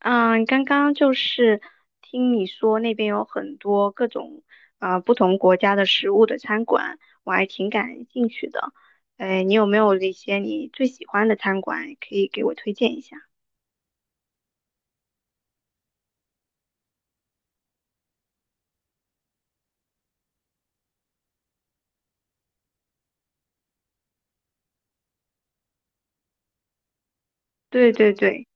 嗯，刚刚就是听你说那边有很多各种不同国家的食物的餐馆，我还挺感兴趣的。哎，你有没有一些你最喜欢的餐馆可以给我推荐一下？对对对，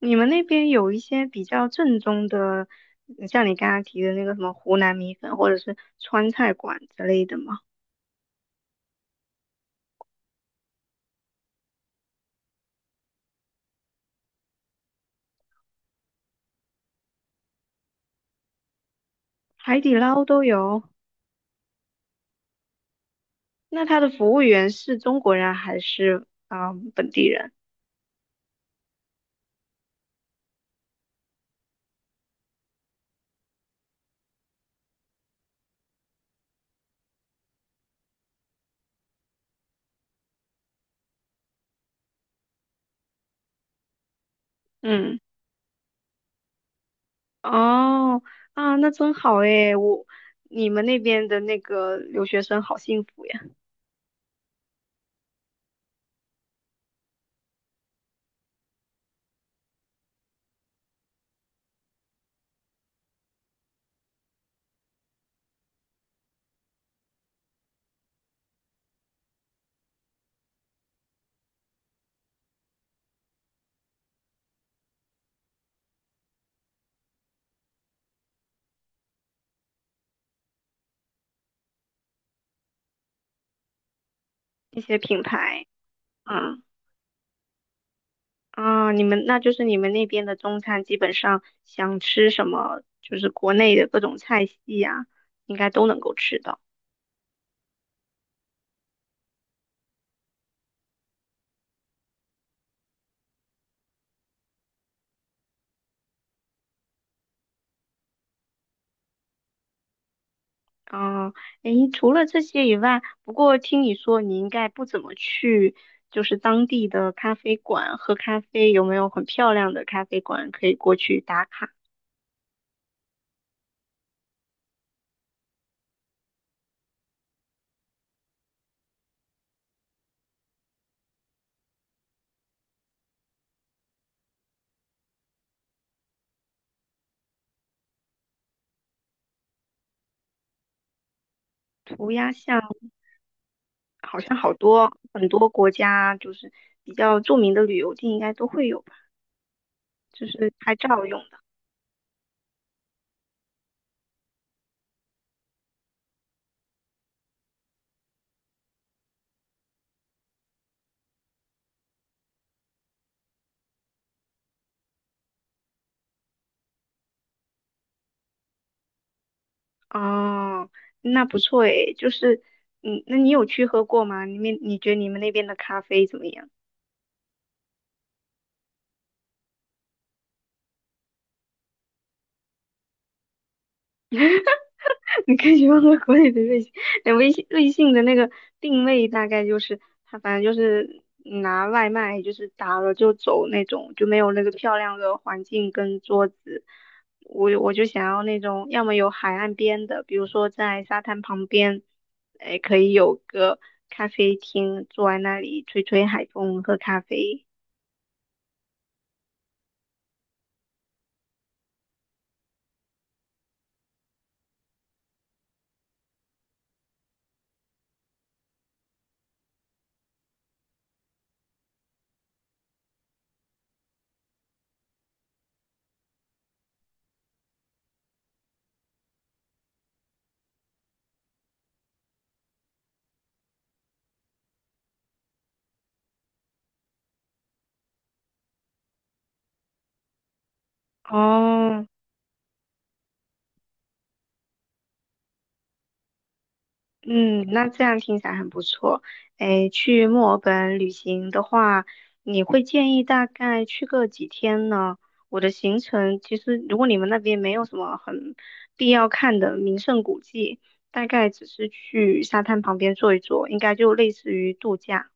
你们那边有一些比较正宗的，嗯像你刚刚提的那个什么湖南米粉或者是川菜馆之类的吗？海底捞都有。那他的服务员是中国人还是本地人？嗯。哦，啊，那真好诶，你们那边的那个留学生好幸福呀，一些品牌，啊啊，你们那边的中餐，基本上想吃什么，就是国内的各种菜系呀，应该都能够吃到。啊，诶，除了这些以外，不过听你说你应该不怎么去，就是当地的咖啡馆喝咖啡，有没有很漂亮的咖啡馆可以过去打卡？涂鸦巷？好像好多很多国家就是比较著名的旅游地应该都会有吧，就是拍照用的。哦，那不错诶，就是嗯，那你有去喝过吗？你觉得你们那边的咖啡怎么样？你可以用到国内的瑞幸，那微信瑞幸的那个定位大概就是它，反正就是拿外卖，就是打了就走那种，就没有那个漂亮的环境跟桌子。我就想要那种，要么有海岸边的，比如说在沙滩旁边，哎，可以有个咖啡厅，坐在那里吹吹海风，喝咖啡。哦，嗯，那这样听起来很不错。诶，去墨尔本旅行的话，你会建议大概去个几天呢？我的行程其实，如果你们那边没有什么很必要看的名胜古迹，大概只是去沙滩旁边坐一坐，应该就类似于度假，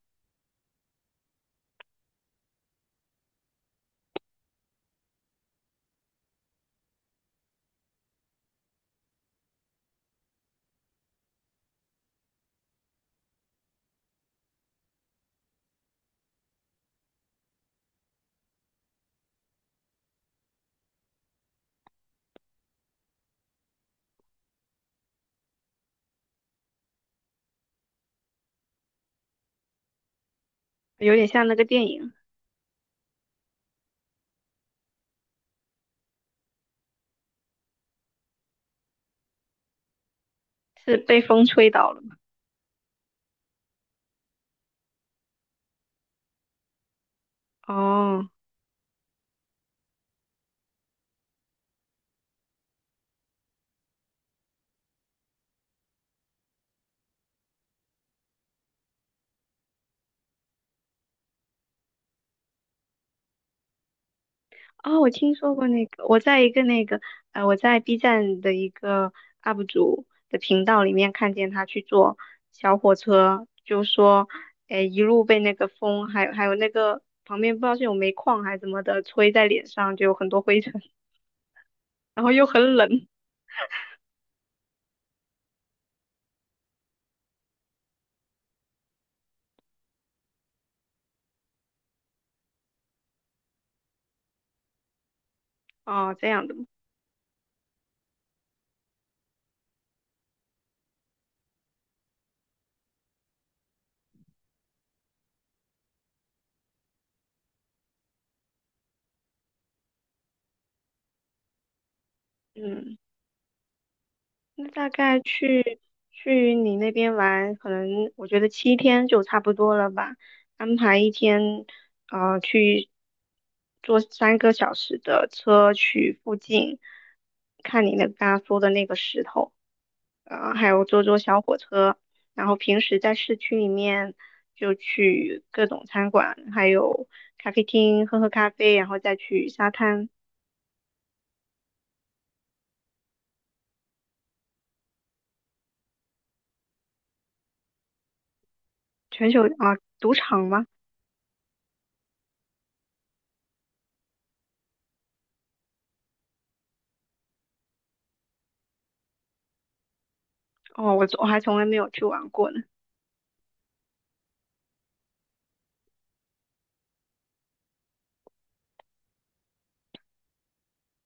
有点像那个电影，是被风吹倒了嘛？哦。哦，我听说过那个，我在 B 站的一个 UP 主的频道里面看见他去坐小火车，就说，哎，一路被那个风，还有那个旁边不知道是有煤矿还是怎么的，吹在脸上，就有很多灰尘，然后又很冷，哦，这样的，嗯。那大概去你那边玩，可能我觉得7天就差不多了吧。安排一天，去坐3个小时的车去附近，看你那刚刚说的那个石头，还有坐坐小火车。然后平时在市区里面就去各种餐馆，还有咖啡厅喝喝咖啡，然后再去沙滩。全球啊，赌场吗？哦，我还从来没有去玩过呢。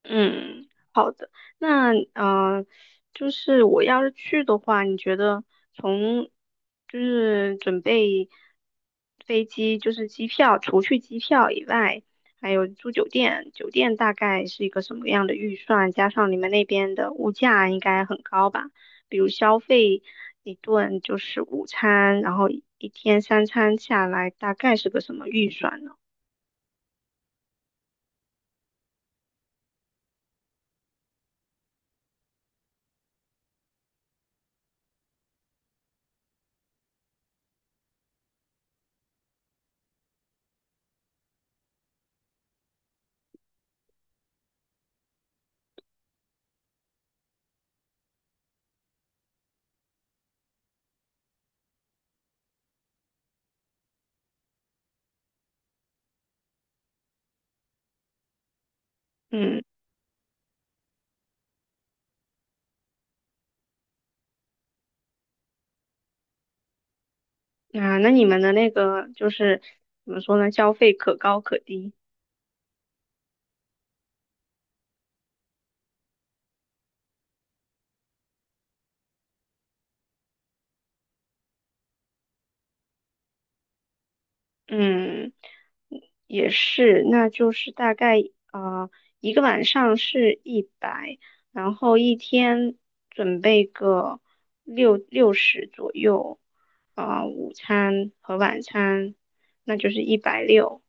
嗯，好的。那嗯，就是我要是去的话，你觉得从就是准备飞机，就是机票，除去机票以外，还有住酒店，酒店大概是一个什么样的预算？加上你们那边的物价应该很高吧？比如消费一顿就是午餐，然后一天三餐下来，大概是个什么预算呢？嗯。啊，那你们的那个怎么说呢？消费可高可低。嗯，也是，那就是大概呃一个晚上是一百，然后一天准备个60左右，啊、午餐和晚餐，那就是160。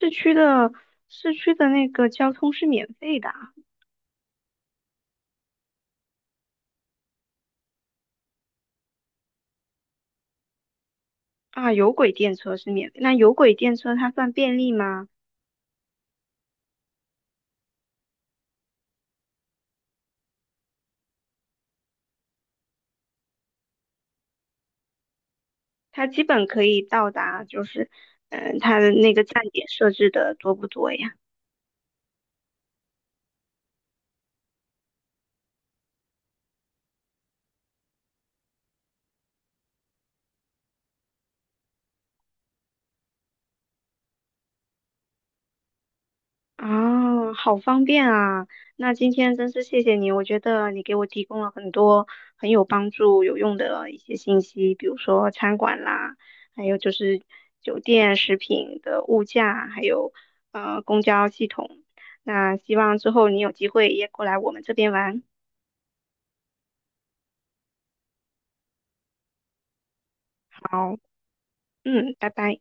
市区的市区的那个交通是免费的啊，啊有轨电车是免费。那有轨电车它算便利吗？它基本可以到达，它的那个站点设置的多不多呀？啊，好方便啊！那今天真是谢谢你，我觉得你给我提供了很多很有帮助、有用的一些信息，比如说餐馆啦，还有就是酒店、食品的物价，还有公交系统。那希望之后你有机会也过来我们这边玩。好，嗯，拜拜。